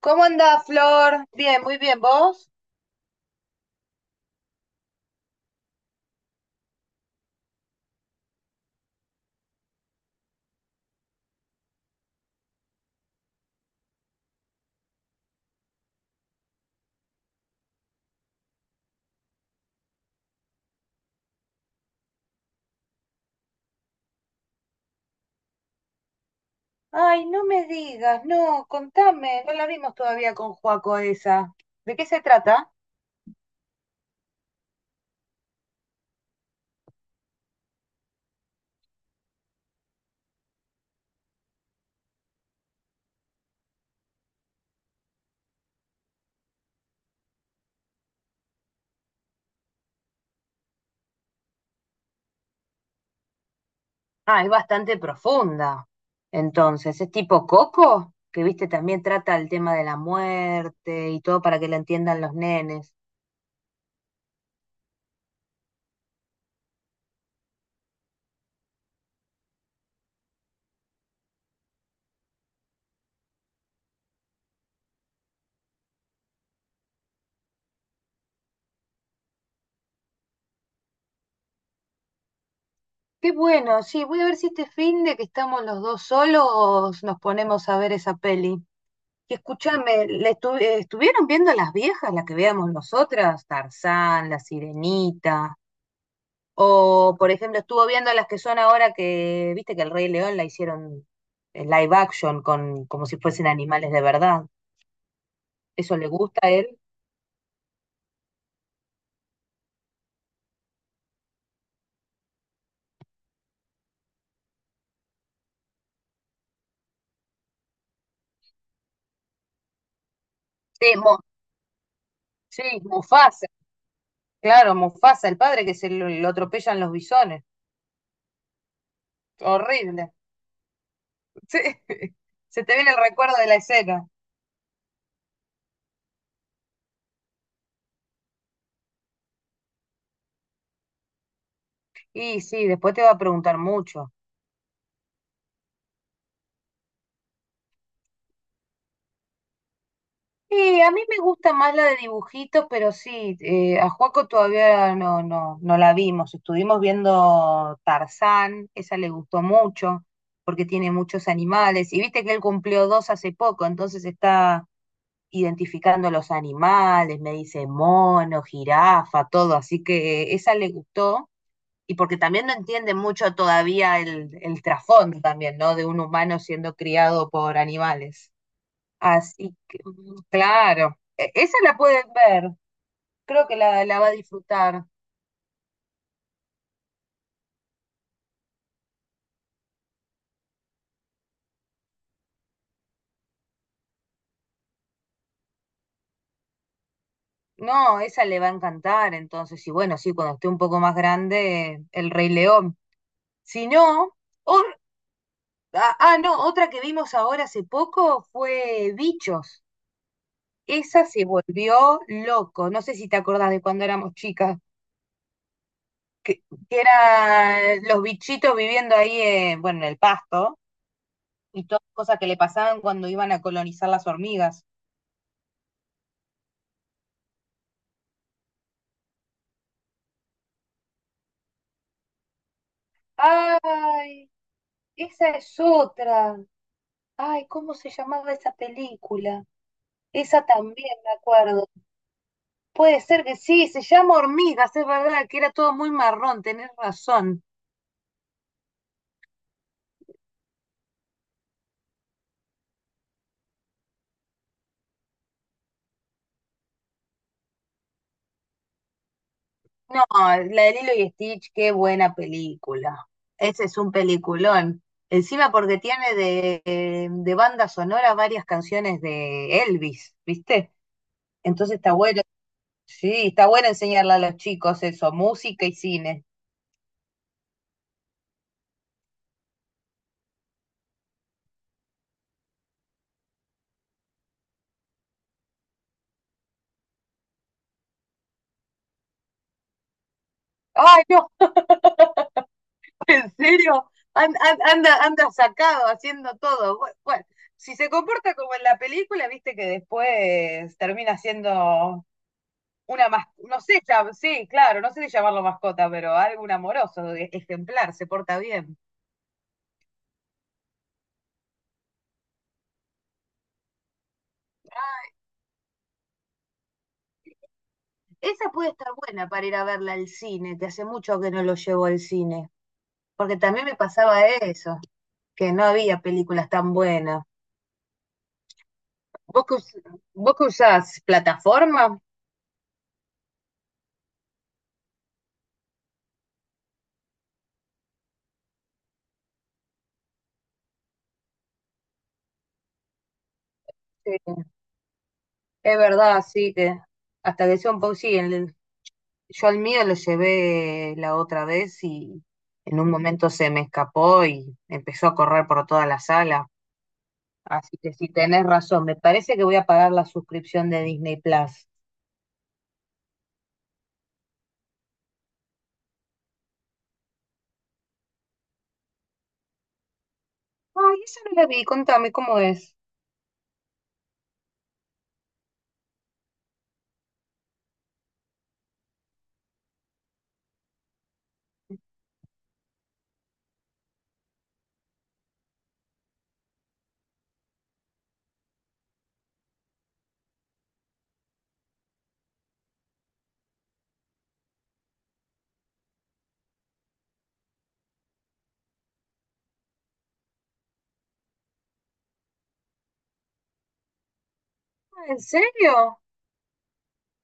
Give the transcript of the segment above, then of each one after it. ¿Cómo andás, Flor? Bien, muy bien, ¿vos? Ay, no me digas, no, contame, no la vimos todavía con Joaco esa. ¿De qué se trata? Ah, es bastante profunda. Entonces, ¿es tipo Coco? Que viste, también trata el tema de la muerte y todo para que lo entiendan los nenes. Qué bueno, sí, voy a ver si este fin de que estamos los dos solos nos ponemos a ver esa peli. Y escúchame, ¿ estuvieron viendo las viejas, las que veamos nosotras? Tarzán, La Sirenita, o por ejemplo, estuvo viendo las que son ahora que, viste que el Rey León la hicieron en live action con como si fuesen animales de verdad. ¿Eso le gusta a él? Sí, Mu- sí, Mufasa, claro, Mufasa, el padre que se lo atropellan los bisones. Horrible. Sí, se te viene el recuerdo de la escena. Y sí, después te va a preguntar mucho. Y a mí me gusta más la de dibujitos, pero sí, a Juaco todavía no la vimos. Estuvimos viendo Tarzán, esa le gustó mucho, porque tiene muchos animales. Y viste que él cumplió dos hace poco, entonces está identificando los animales, me dice mono, jirafa, todo. Así que esa le gustó. Y porque también no entiende mucho todavía el trasfondo también, ¿no? De un humano siendo criado por animales. Así que, claro, esa la pueden ver, creo que la va a disfrutar. No, esa le va a encantar, entonces, y bueno, sí, cuando esté un poco más grande, El Rey León. Si no, o- no, otra que vimos ahora hace poco fue Bichos. Esa se volvió loco, no sé si te acordás de cuando éramos chicas. que, que eran los bichitos viviendo ahí, bueno, en el pasto, y todas las cosas que le pasaban cuando iban a colonizar las hormigas. Ay, esa es otra. Ay, ¿cómo se llamaba esa película? Esa también me acuerdo. Puede ser que sí, se llama Hormigas, es verdad, que era todo muy marrón, tenés razón. No, la de Lilo y Stitch, qué buena película. Ese es un peliculón. Encima porque tiene de banda sonora varias canciones de Elvis, ¿viste? Entonces está bueno, sí, está bueno enseñarle a los chicos eso, música y cine. Ay, no, en serio, anda, anda sacado haciendo todo. Bueno, si se comporta como en la película, viste que después termina siendo una mascota, no sé, sí, claro, no sé si llamarlo mascota, pero algo un amoroso, ejemplar, se porta bien. Esa puede estar buena para ir a verla al cine, que hace mucho que no lo llevo al cine, porque también me pasaba eso, que no había películas tan buenas. ¿Vos que, us- vos que usás plataforma? Sí, es verdad, sí, que hasta que sea un poco, sí, yo al mío lo llevé la otra vez y en un momento se me escapó y empezó a correr por toda la sala. Así que si tenés razón. Me parece que voy a pagar la suscripción de Disney Plus. Ay, esa no la vi. Contame cómo es. Ah, ¿en serio?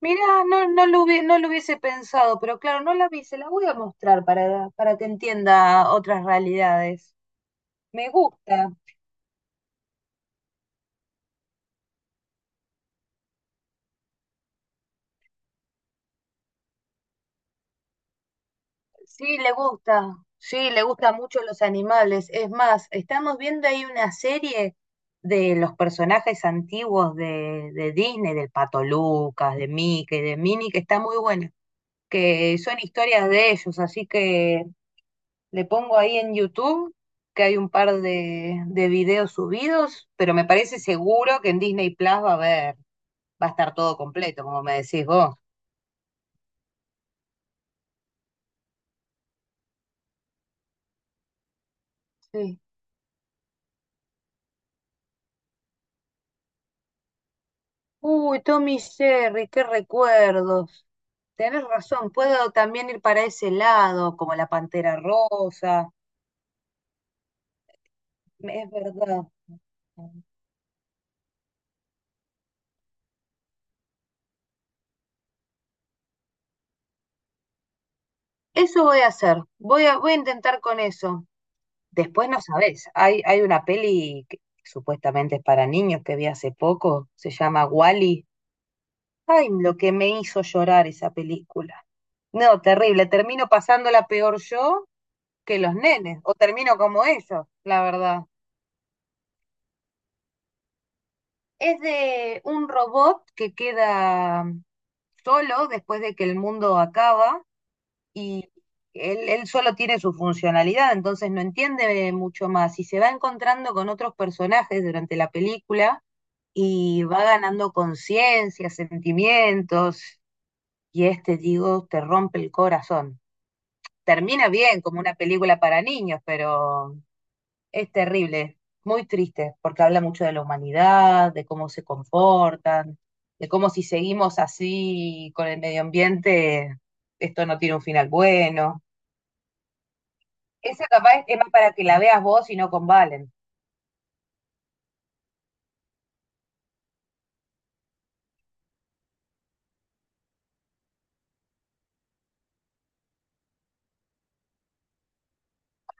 Mira, no, no lo hubiese pensado, pero claro, no la vi. Se la voy a mostrar para que entienda otras realidades. Me gusta. Sí, le gusta. Sí, le gustan mucho los animales. Es más, estamos viendo ahí una serie de los personajes antiguos de Disney, del Pato Lucas, de Mickey, de Minnie, que está muy buena. Que son historias de ellos, así que le pongo ahí en YouTube que hay un par de videos subidos, pero me parece seguro que en Disney Plus va a haber, va a estar todo completo, como me decís vos. Sí. Uy, Tommy y Jerry, qué recuerdos. Tenés razón, puedo también ir para ese lado, como la Pantera Rosa. Es verdad. Eso voy a hacer. Voy a intentar con eso. Después no sabés, hay una peli que supuestamente es para niños que vi hace poco, se llama Wall-E. Ay, lo que me hizo llorar esa película. No, terrible, termino pasándola peor yo que los nenes, o termino como ellos, la verdad. Es de un robot que queda solo después de que el mundo acaba y él solo tiene su funcionalidad, entonces no entiende mucho más y se va encontrando con otros personajes durante la película y va ganando conciencia, sentimientos, y digo, te rompe el corazón. Termina bien, como una película para niños, pero es terrible, muy triste, porque habla mucho de la humanidad, de cómo se comportan, de cómo si seguimos así con el medio ambiente, esto no tiene un final bueno. Esa capaz es más para que la veas vos y no con Valen.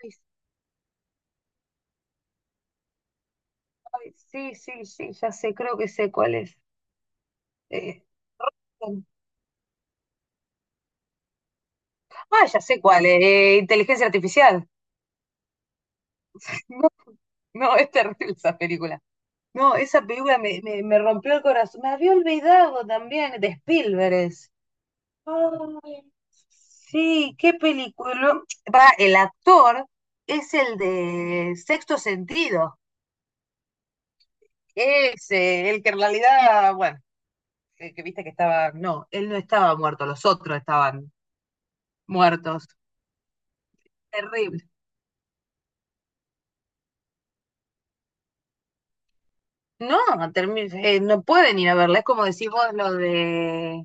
Ay, ay, sí, sí, sí, ya sé, creo que sé cuál es. Eh, Ah, ya sé cuál, Inteligencia Artificial. No, no, es terrible esa película. No, esa película me rompió el corazón. Me había olvidado también de Spielberg. Es. Ay, sí, qué película. Pará, el actor es el de Sexto Sentido. Es el que en realidad, bueno, que viste que estaba. No, él no estaba muerto, los otros estaban muertos. Terrible. No, no pueden ir a verla. Es como decís vos lo de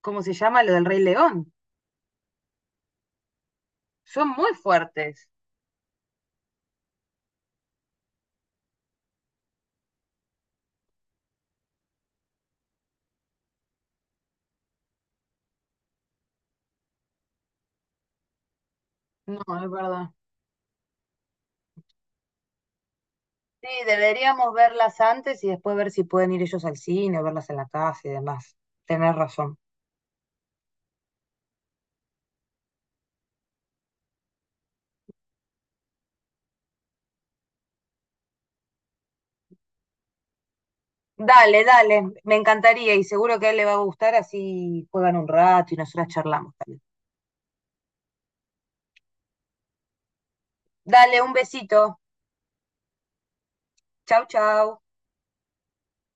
¿cómo se llama? Lo del Rey León. Son muy fuertes. No, es verdad. Sí, deberíamos verlas antes y después ver si pueden ir ellos al cine, o verlas en la casa y demás. Tenés razón. Dale, dale, me encantaría y seguro que a él le va a gustar, así juegan un rato y nosotras charlamos también. Dale, un besito. Chau, chau.